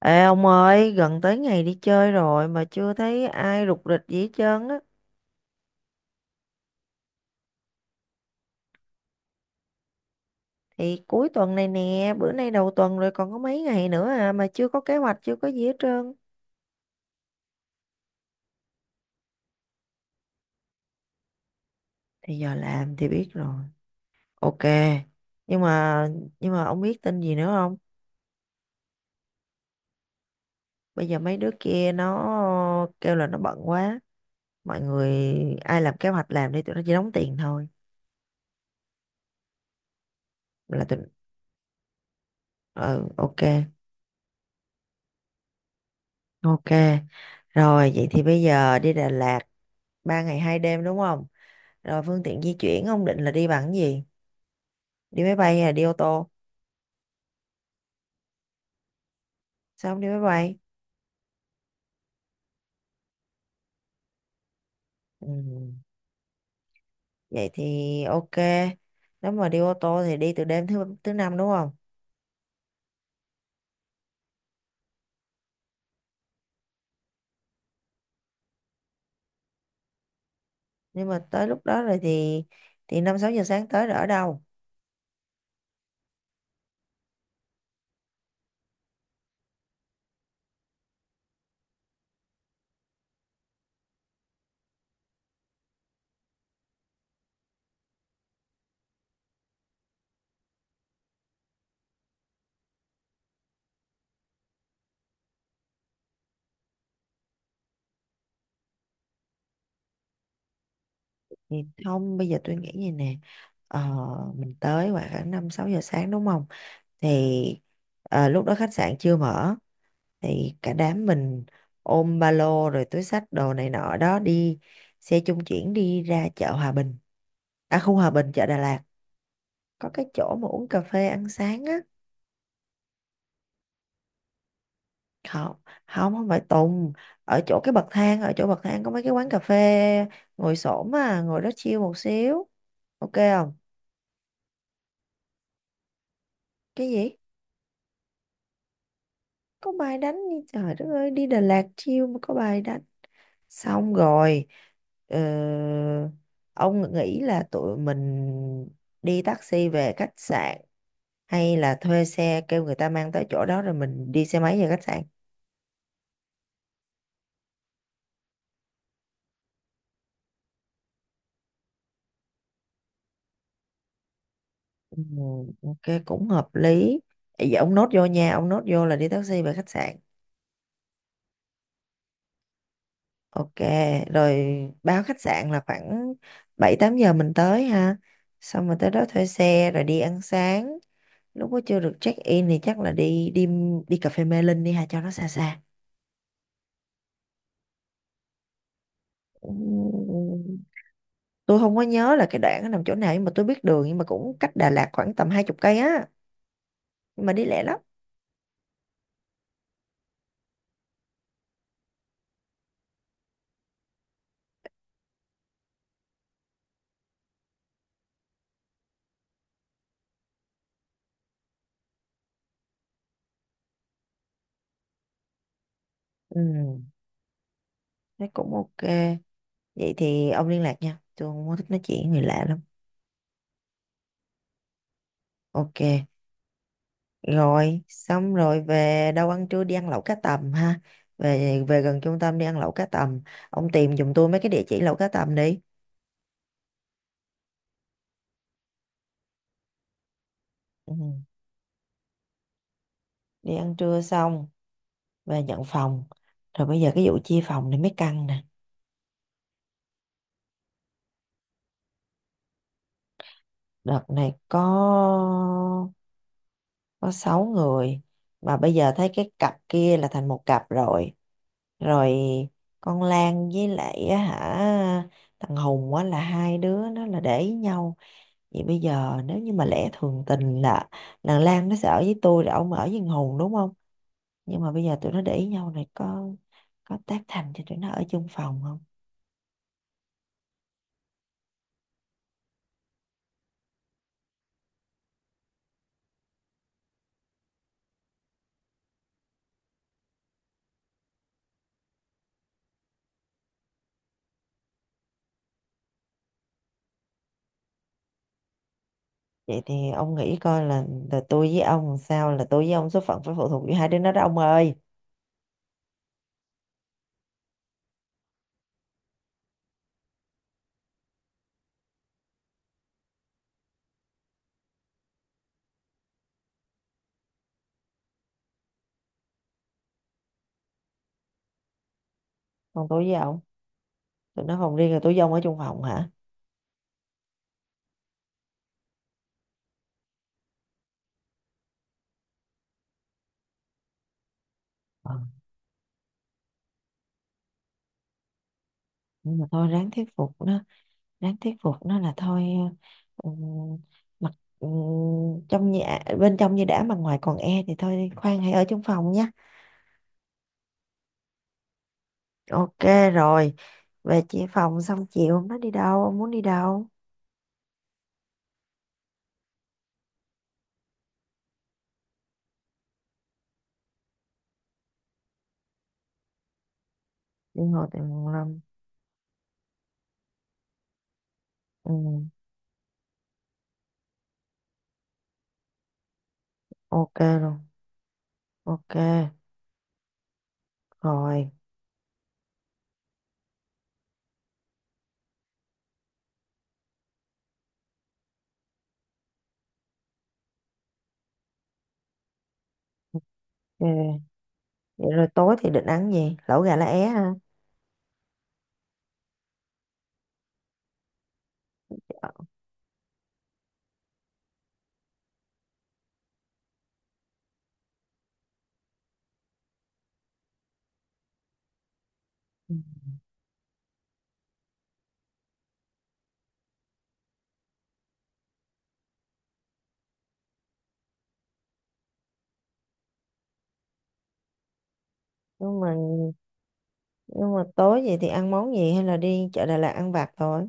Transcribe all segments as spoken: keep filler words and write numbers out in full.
Ê ông ơi, gần tới ngày đi chơi rồi mà chưa thấy ai rục rịch gì hết trơn á. Thì cuối tuần này nè, bữa nay đầu tuần rồi còn có mấy ngày nữa à mà chưa có kế hoạch, chưa có gì hết trơn. Thì giờ làm thì biết rồi. Ok. Nhưng mà nhưng mà ông biết tin gì nữa không? Bây giờ mấy đứa kia nó kêu là nó bận quá. Mọi người ai làm kế hoạch làm đi, tụi nó chỉ đóng tiền thôi. Là tụi Ừ, ok. Ok. Rồi vậy thì bây giờ đi Đà Lạt ba ngày hai đêm đúng không? Rồi phương tiện di chuyển ông định là đi bằng cái gì? Đi máy bay hay là đi ô tô? Sao không đi máy bay? Ừ. Vậy thì ok. Nếu mà đi ô tô thì đi từ đêm thứ thứ năm đúng không? Nhưng mà tới lúc đó rồi thì thì năm sáu giờ sáng tới rồi ở đâu? Thì không, bây giờ tôi nghĩ như nè. Ờ, mình tới khoảng năm sáu giờ sáng đúng không? Thì ờ, lúc đó khách sạn chưa mở, thì cả đám mình ôm ba lô rồi túi xách đồ này nọ đó, đi xe trung chuyển đi ra chợ Hòa Bình, à khu Hòa Bình chợ Đà Lạt, có cái chỗ mà uống cà phê ăn sáng á. Không, không, không phải Tùng. Ở chỗ cái bậc thang, ở chỗ bậc thang có mấy cái quán cà phê ngồi xổm, à ngồi đó chill một xíu, ok không? Cái gì? Có bài đánh đi trời đất ơi, đi Đà Lạt chill mà có bài đánh. Xong rồi, ờ, ông nghĩ là tụi mình đi taxi về khách sạn, hay là thuê xe kêu người ta mang tới chỗ đó rồi mình đi xe máy về khách sạn? Ừ, ok cũng hợp lý. Vậy ông nốt vô nha, ông nốt vô là đi taxi về khách sạn. Ok rồi, báo khách sạn là khoảng bảy tám giờ mình tới ha, xong rồi tới đó thuê xe rồi đi ăn sáng. Lúc đó chưa được check in thì chắc là đi, đi đi cà phê Mê Linh đi ha, cho nó xa xa. Ừm, tôi không có nhớ là cái đoạn nó nằm chỗ nào nhưng mà tôi biết đường, nhưng mà cũng cách Đà Lạt khoảng tầm hai chục cây á, nhưng mà đi lẹ lắm. Ừ thế cũng ok. Vậy thì ông liên lạc nha, tôi không có thích nói chuyện với người lạ lắm. Ok. Rồi xong rồi về đâu ăn trưa, đi ăn lẩu cá tầm ha. Về về gần trung tâm đi ăn lẩu cá tầm. Ông tìm giùm tôi mấy cái địa chỉ lẩu cá tầm đi. Ừ. Đi ăn trưa xong về nhận phòng, rồi bây giờ cái vụ chia phòng này mới căng nè. Đợt này có có sáu người, mà bây giờ thấy cái cặp kia là thành một cặp rồi. Rồi con Lan với lại á hả, thằng Hùng á, là hai đứa nó là để ý nhau. Vậy bây giờ nếu như mà lẽ thường tình là thằng Lan nó sẽ ở với tôi rồi ông ở với thằng Hùng đúng không, nhưng mà bây giờ tụi nó để ý nhau này, có có tác thành cho tụi nó ở chung phòng không? Vậy thì ông nghĩ coi là, là tôi với ông làm sao, là tôi với ông số phận phải phụ thuộc vào hai đứa nó đó ông ơi. Còn tôi với ông, tụi nó phòng riêng rồi tôi với ông ở chung phòng hả? Ờ, nhưng mà thôi ráng thuyết phục nó, ráng thuyết phục nó là thôi, ờ, ừ, mặc, ừ, trong nhà bên trong như đã mà ngoài còn e thì thôi khoan hãy ở trong phòng nha. Ok rồi. Về chia phòng xong chiều nó đi đâu, ông muốn đi đâu? Đi ngồi từ nguồn lâm. Ừ, ok luôn. Ok. Rồi. Ok. Vậy rồi tối thì định ăn gì, lẩu gà lá é ha. Ừ. nhưng mà nhưng mà tối vậy thì ăn món gì, hay là đi chợ Đà Lạt ăn vặt thôi?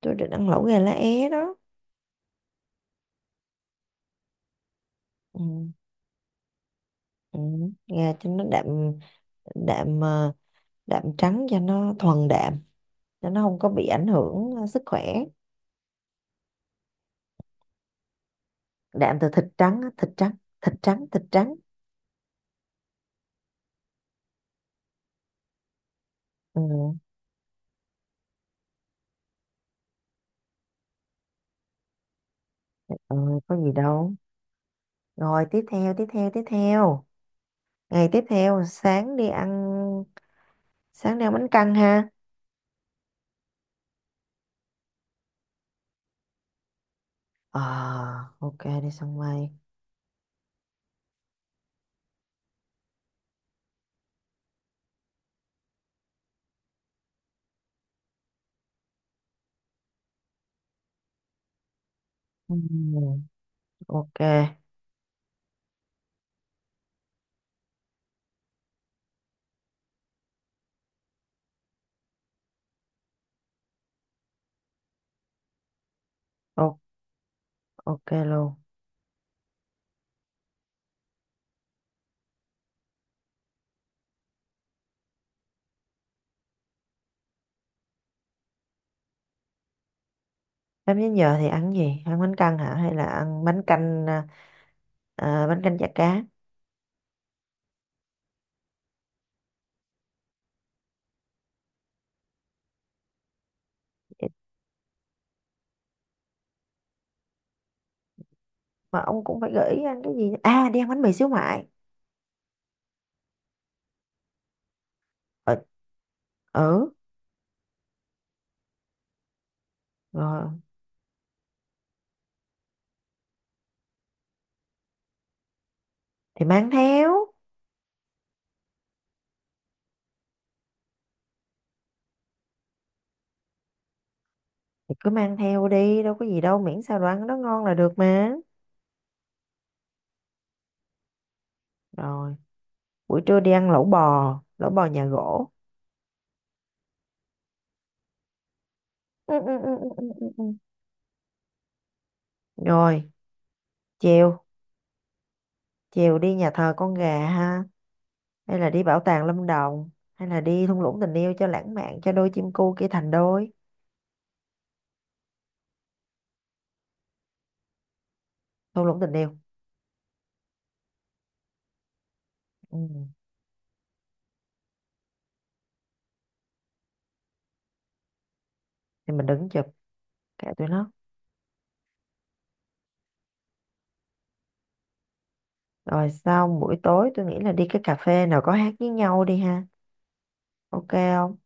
Tôi định ăn lẩu gà lá é đó. Ừ, ừ. Nghe cho nó đạm. Đạm, ờ, đạm trắng cho nó thuần đạm, cho nó không có bị ảnh hưởng, ờ, sức khỏe. Đạm từ thịt trắng á, thịt trắng, thịt trắng, thịt trắng. Ừ, ừ, có gì đâu. Rồi tiếp theo tiếp theo tiếp theo ngày tiếp theo sáng đi ăn, sáng đi ăn bánh căn ha. Ờ, ok đi sân bay. Ừ, ok. O-, ok luôn. Em đến giờ thì ăn gì? Ăn bánh căn hả? Hay là ăn bánh canh, à, à, bánh canh chả cá? Mà ông cũng phải gợi ý ăn cái gì à, đi ăn bánh mì xíu mại. Ở, ừ. Rồi. Thì mang theo, thì cứ mang theo đi đâu có gì đâu, miễn sao đồ ăn nó ngon là được mà. Rồi buổi trưa đi ăn lẩu bò, lẩu bò nhà gỗ. Ừ, ừ, ừ, ừ, ừ, ừ. Ừ. Rồi. Chiều, chiều đi nhà thờ con gà ha, hay là đi bảo tàng Lâm Đồng, hay là đi thung lũng tình yêu cho lãng mạn cho đôi chim cu kia thành đôi. Thung lũng tình yêu. Ừ. Thì mình đứng chụp, kệ tụi nó. Rồi xong buổi tối tôi nghĩ là đi cái cà phê nào có hát với nhau đi ha. Ok không?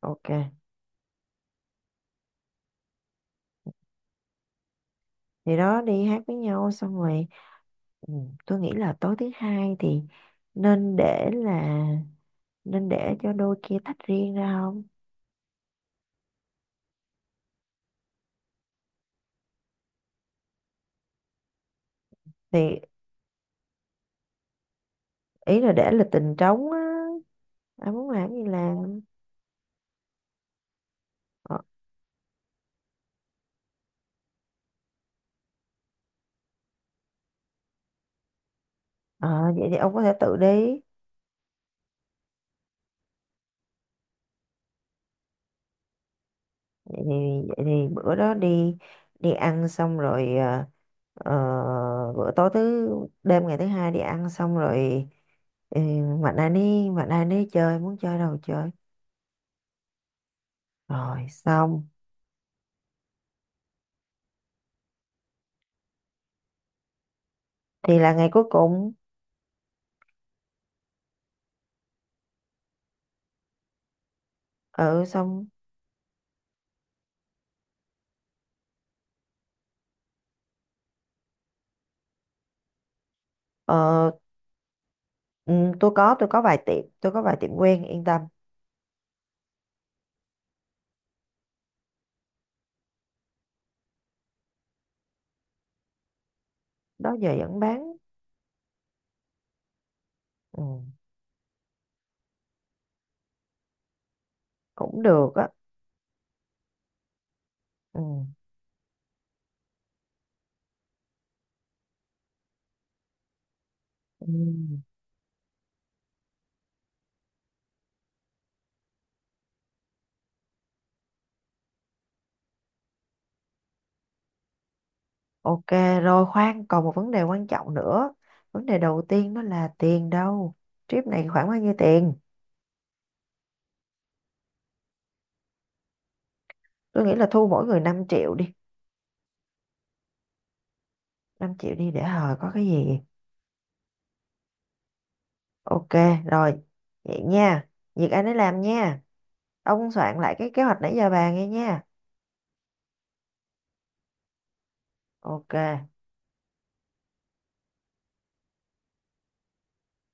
Ok. Thì đó, đi hát với nhau xong rồi. Ừ, tôi nghĩ là tối thứ hai thì nên để là nên để cho đôi kia tách riêng ra không? Thì ý là để là tình trống á. Ai muốn làm gì làm. Ờ, ờ, vậy thì ông có thể tự đi. vậy thì vậy thì bữa đó đi, đi ăn xong rồi, à, ờ, bữa tối thứ, đêm ngày thứ hai đi ăn xong rồi, ừ, mạnh ai đi mạnh ai đi chơi, muốn chơi đâu chơi. Rồi xong. Thì là ngày cuối cùng. Ừ xong. Ờ, ừ, tôi có tôi có vài tiệm tôi có vài tiệm quen yên tâm. Đó giờ vẫn bán. Ừ, cũng được á. Ừ. Ừ. Ok rồi, khoan còn một vấn đề quan trọng nữa, vấn đề đầu tiên đó là tiền đâu. Trip này khoảng bao nhiêu tiền? Tôi nghĩ là thu mỗi người năm triệu đi. Năm triệu đi để hồi có cái gì. Ok. Rồi, vậy nha, việc anh ấy làm nha, ông soạn lại cái kế hoạch nãy giờ bàn nghe nha. Ok.